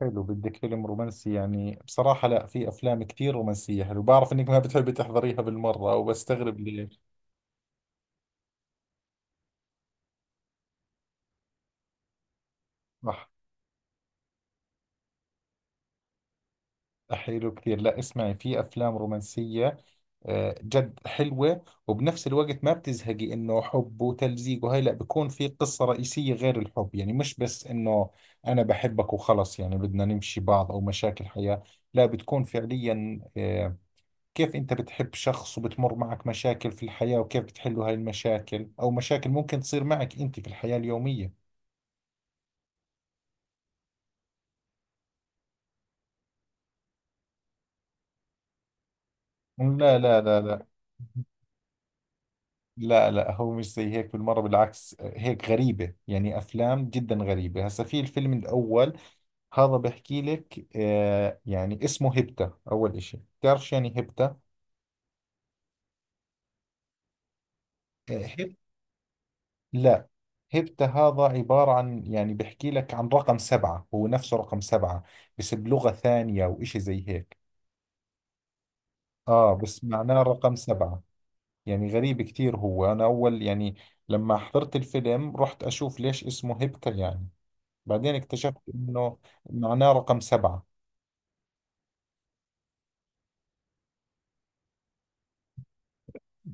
حلو، بدك فيلم رومانسي. يعني بصراحة لا، في أفلام كثير رومانسية حلو. بعرف إنك ما بتحبي تحضريها بالمرة وبستغرب ليش. صح. حلو كثير، لا اسمعي، في أفلام رومانسية جد حلوة، وبنفس الوقت ما بتزهقي. إنه حب وتلزيق وهي لا، بيكون في قصة رئيسية غير الحب، يعني مش بس إنه أنا بحبك وخلص، يعني بدنا نمشي بعض أو مشاكل حياة. لا، بتكون فعليا كيف أنت بتحب شخص وبتمر معك مشاكل في الحياة، وكيف بتحلوا هاي المشاكل، أو مشاكل ممكن تصير معك أنت في الحياة اليومية. لا لا لا لا. لا لا، هو مش زي هيك بالمرة، بالعكس هيك غريبة، يعني أفلام جدا غريبة. هسا في الفيلم الأول هذا بحكي لك، يعني اسمه هبتة. أول إشي، بتعرف شو يعني هبتة؟ آه، هب لا، هبتة هذا عبارة عن، يعني بحكي لك عن رقم سبعة، هو نفسه رقم سبعة، بس بلغة ثانية وإشي زي هيك. بس معناه رقم سبعة. يعني غريب كثير، هو أنا أول يعني لما حضرت الفيلم رحت أشوف ليش اسمه هبتا يعني، بعدين اكتشفت إنه معناه رقم سبعة.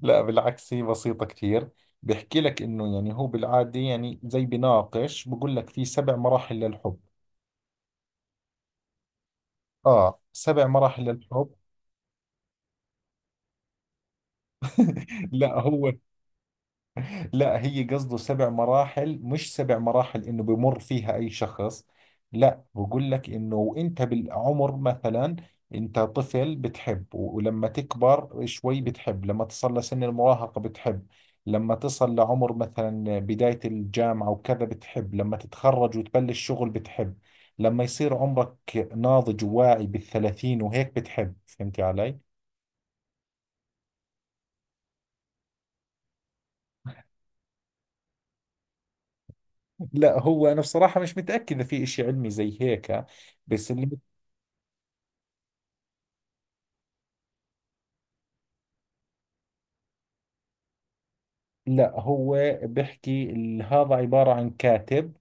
لا بالعكس، هي بسيطة كثير. بيحكي لك إنه، يعني هو بالعادة، يعني زي بناقش بقول لك، في سبع مراحل للحب. سبع مراحل للحب. لا هو، لا هي قصده سبع مراحل، مش سبع مراحل انه بمر فيها اي شخص. لا بقول لك انه وانت بالعمر، مثلا انت طفل بتحب، ولما تكبر شوي بتحب، لما تصل لسن المراهقة بتحب، لما تصل لعمر مثلا بداية الجامعة وكذا بتحب، لما تتخرج وتبلش شغل بتحب، لما يصير عمرك ناضج وواعي بالثلاثين وهيك بتحب. فهمتي علي؟ لا هو أنا بصراحة مش متأكد إذا في إشي علمي زي هيك، بس اللي، لا هو بحكي هذا عبارة عن كاتب.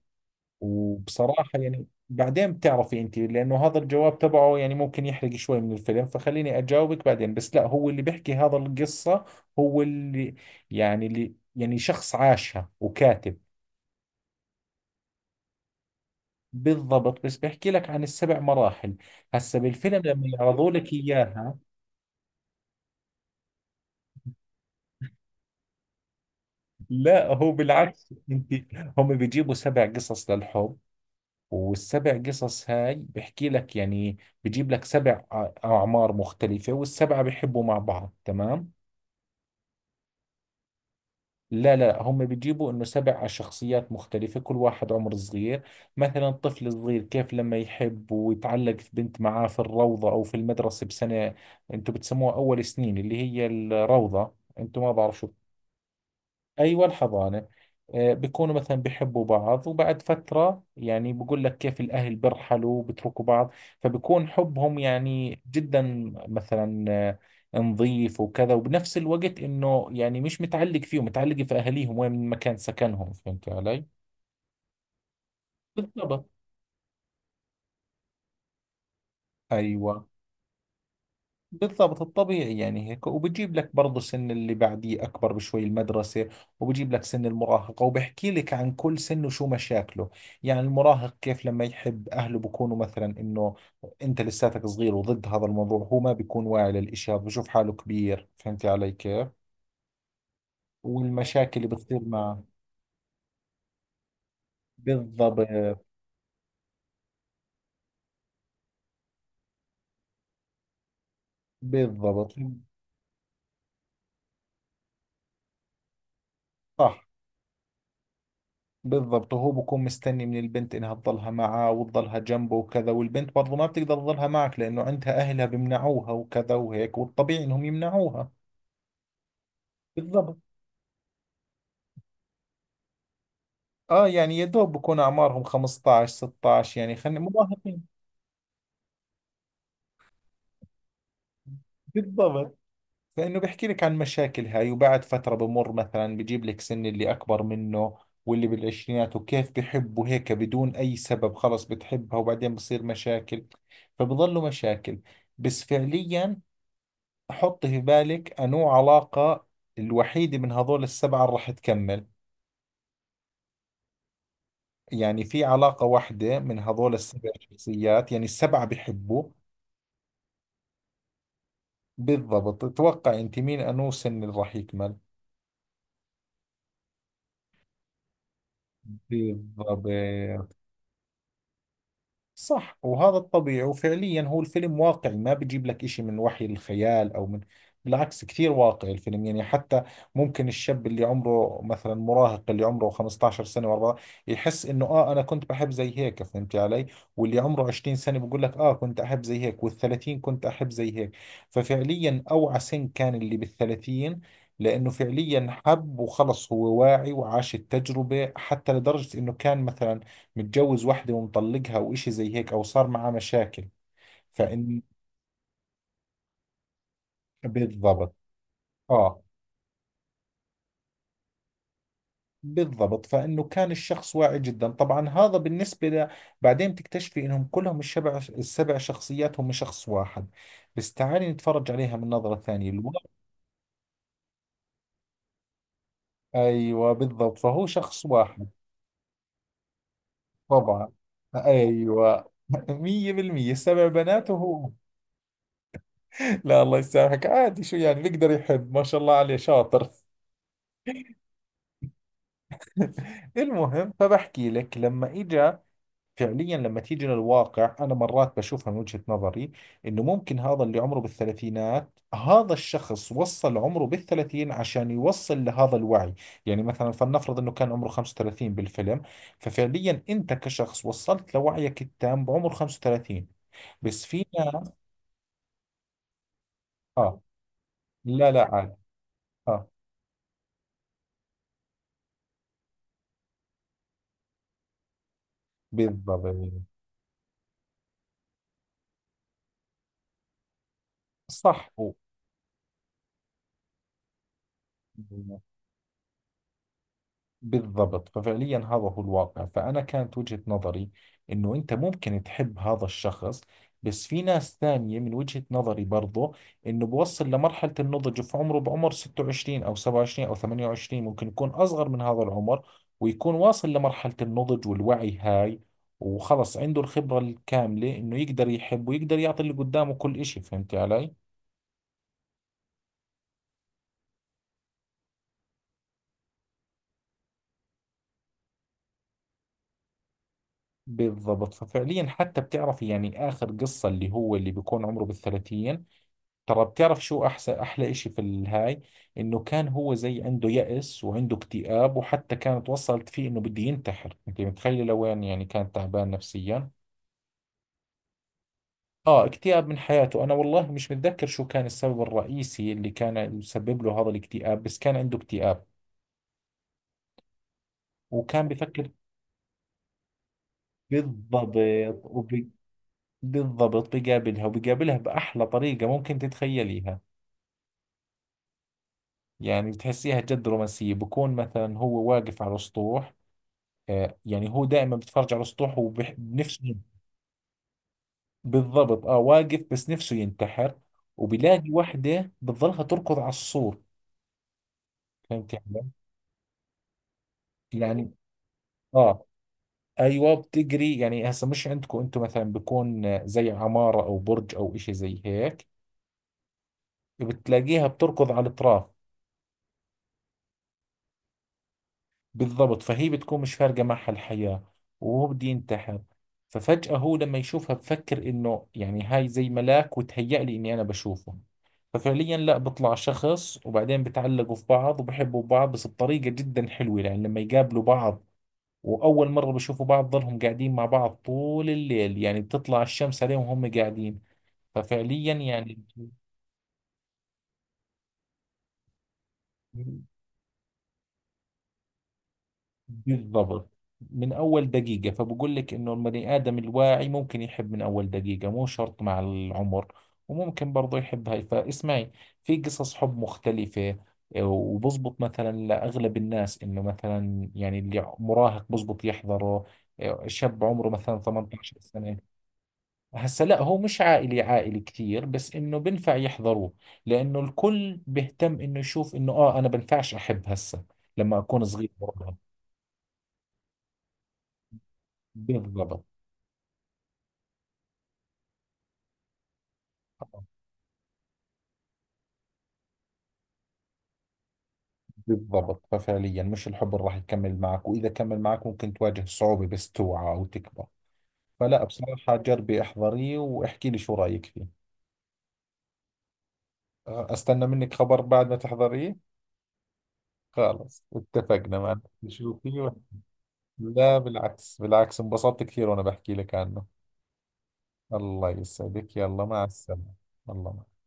وبصراحة يعني بعدين بتعرفي انت، لانه هذا الجواب تبعه يعني ممكن يحرق شوي من الفيلم، فخليني اجاوبك بعدين. بس لا، هو اللي بيحكي هذا القصة، هو اللي يعني اللي يعني شخص عاشها وكاتب. بالضبط، بس بحكي لك عن السبع مراحل هسا بالفيلم لما يعرضوا لك اياها. لا هو بالعكس انت. هم بيجيبوا سبع قصص للحب، والسبع قصص هاي بحكي لك يعني، بجيب لك سبع أعمار مختلفة، والسبعة بيحبوا مع بعض. تمام. لا لا، هم بيجيبوا انه سبع شخصيات مختلفة، كل واحد عمر صغير. مثلا طفل صغير كيف لما يحب ويتعلق في بنت معاه في الروضة او في المدرسة بسنة. انتم بتسموها اول سنين اللي هي الروضة، انتم ما بعرف شو. ايوه الحضانه. بيكونوا مثلا بيحبوا بعض، وبعد فتره يعني بقول لك كيف الاهل بيرحلوا وبتركوا بعض، فبكون حبهم يعني جدا مثلا، نظيف وكذا، وبنفس الوقت انه يعني مش متعلق فيهم، متعلق في اهاليهم وين مكان سكنهم. فهمت علي؟ بالضبط. ايوه بالضبط، الطبيعي يعني هيك. وبجيب لك برضه سن اللي بعديه أكبر بشوي، المدرسة، وبجيب لك سن المراهقة، وبحكي لك عن كل سن وشو مشاكله. يعني المراهق كيف لما يحب، أهله بكونوا مثلا إنه أنت لساتك صغير وضد هذا الموضوع، هو ما بيكون واعي للإشي هذا، بشوف حاله كبير. فهمتي علي كيف؟ والمشاكل اللي بتصير معه. بالضبط. بالضبط صح، بالضبط. وهو بكون مستني من البنت انها تظلها معاه وتظلها جنبه وكذا، والبنت برضو ما بتقدر تظلها معك لانه عندها اهلها بيمنعوها وكذا وهيك، والطبيعي انهم يمنعوها. بالضبط. اه يعني يا دوب بكون اعمارهم 15 16، يعني خلينا مراهقين. بالضبط، فانه بيحكي لك عن مشاكل هاي، وبعد فترة بمر مثلا، بجيب لك سن اللي اكبر منه، واللي بالعشرينات، وكيف بحبه هيك بدون اي سبب، خلص بتحبها وبعدين بصير مشاكل، فبضلوا مشاكل. بس فعليا حط في بالك أنو علاقة الوحيدة من هذول السبعة اللي راح تكمل. يعني في علاقة واحدة من هذول السبع شخصيات، يعني السبعة بحبوا. بالضبط، تتوقع أنت مين أنو سن اللي راح يكمل. بالضبط صح، وهذا الطبيعي. وفعليا هو الفيلم واقعي، ما بيجيب لك إشي من وحي الخيال أو من، بالعكس كثير واقعي الفيلم، يعني حتى ممكن الشاب اللي عمره مثلا مراهق، اللي عمره 15 سنة و14، يحس إنه آه أنا كنت بحب زي هيك. فهمتي علي؟ واللي عمره 20 سنة بيقول لك آه كنت أحب زي هيك، وال30 كنت أحب زي هيك. ففعليا أوعى سن كان اللي بال30، لأنه فعليا حب وخلص، هو واعي وعاش التجربة، حتى لدرجة إنه كان مثلا متجوز واحدة ومطلقها وإشي زي هيك، أو صار معاه مشاكل. فإن، بالضبط. آه بالضبط، فإنه كان الشخص واعي جدا. طبعا هذا بالنسبة بعدين تكتشفي إنهم كلهم السبع شخصيات هم شخص واحد، بس تعالي نتفرج عليها من نظرة ثانية أيوة بالضبط، فهو شخص واحد. طبعا. أيوة. مية بالمية سبع بنات وهو، لا الله يسامحك، عادي، شو يعني، بيقدر يحب، ما شاء الله عليه شاطر. المهم، فبحكي لك لما اجى فعليا، لما تيجي للواقع انا مرات بشوفها من وجهة نظري، انه ممكن هذا اللي عمره بالثلاثينات، هذا الشخص وصل عمره بالثلاثين عشان يوصل لهذا الوعي. يعني مثلا فلنفرض انه كان عمره 35 بالفيلم، ففعليا انت كشخص وصلت لوعيك التام بعمر 35، بس في ناس. اه. لا لا عادي. اه. بالضبط صح، بالضبط. ففعليا هذا هو الواقع. فأنا كانت وجهة نظري إنه أنت ممكن تحب هذا الشخص، بس في ناس ثانية من وجهة نظري برضو إنه بوصل لمرحلة النضج في عمره بعمر 26 أو 27 أو 28، ممكن يكون أصغر من هذا العمر ويكون واصل لمرحلة النضج والوعي هاي، وخلص عنده الخبرة الكاملة إنه يقدر يحب ويقدر يعطي اللي قدامه كل إشي. فهمتي علي؟ بالضبط. ففعليا حتى بتعرفي، يعني آخر قصة اللي هو اللي بيكون عمره بالثلاثين، ترى بتعرف شو أحسن أحلى إشي في الهاي، إنه كان هو زي عنده يأس وعنده اكتئاب، وحتى كانت وصلت فيه إنه بده ينتحر. أنت متخيل لوين؟ يعني كان تعبان نفسيا. آه اكتئاب من حياته، أنا والله مش متذكر شو كان السبب الرئيسي اللي كان يسبب له هذا الاكتئاب، بس كان عنده اكتئاب وكان بيفكر. بالضبط وب... بالضبط، بيقابلها، وبيقابلها بأحلى طريقة ممكن تتخيليها. يعني بتحسيها جد رومانسية، بكون مثلا هو واقف على سطوح، يعني هو دائما بتفرج على السطوح وبنفسه. بالضبط، اه واقف بس نفسه ينتحر، وبيلاقي وحده بتظلها تركض على السور. فهمت علي؟ يعني، اه ايوه بتجري، يعني هسه مش عندكم انتم مثلا بيكون زي عماره او برج او اشي زي هيك، بتلاقيها بتركض على الاطراف. بالضبط، فهي بتكون مش فارقه معها الحياه، وهو بده ينتحر. ففجأة هو لما يشوفها بفكر إنه يعني هاي زي ملاك وتهيأ لي إني أنا بشوفه. ففعليا لا بطلع شخص، وبعدين بتعلقوا في بعض وبحبوا بعض، بس بطريقة جدا حلوة يعني لما يقابلوا بعض. وأول مرة بشوفوا بعض ظلهم قاعدين مع بعض طول الليل، يعني بتطلع الشمس عليهم وهم قاعدين. ففعليا يعني، بالضبط من أول دقيقة. فبقول لك إنه البني آدم الواعي ممكن يحب من أول دقيقة، مو شرط مع العمر، وممكن برضه يحب. هاي فاسمعي، في قصص حب مختلفة. وبزبط مثلا لأغلب الناس، إنه مثلا يعني اللي مراهق بزبط يحضره، شاب عمره مثلا 18 سنة. هسا لا، هو مش عائلي عائلي كثير، بس إنه بنفع يحضروه، لأنه الكل بيهتم إنه يشوف إنه آه أنا بنفعش أحب هسا لما أكون صغير برضه. بالضبط. بالضبط ففعليا مش الحب اللي راح يكمل معك، وإذا كمل معك ممكن تواجه صعوبة، بس توعى أو تكبر. فلا بصراحة جربي احضريه واحكي لي شو رأيك فيه. أستنى منك خبر بعد ما تحضريه. خلص اتفقنا، ما شوفي، لا بالعكس بالعكس، انبسطت كثير وأنا بحكي لك عنه. الله يسعدك، يلا مع السلامة. الله معك.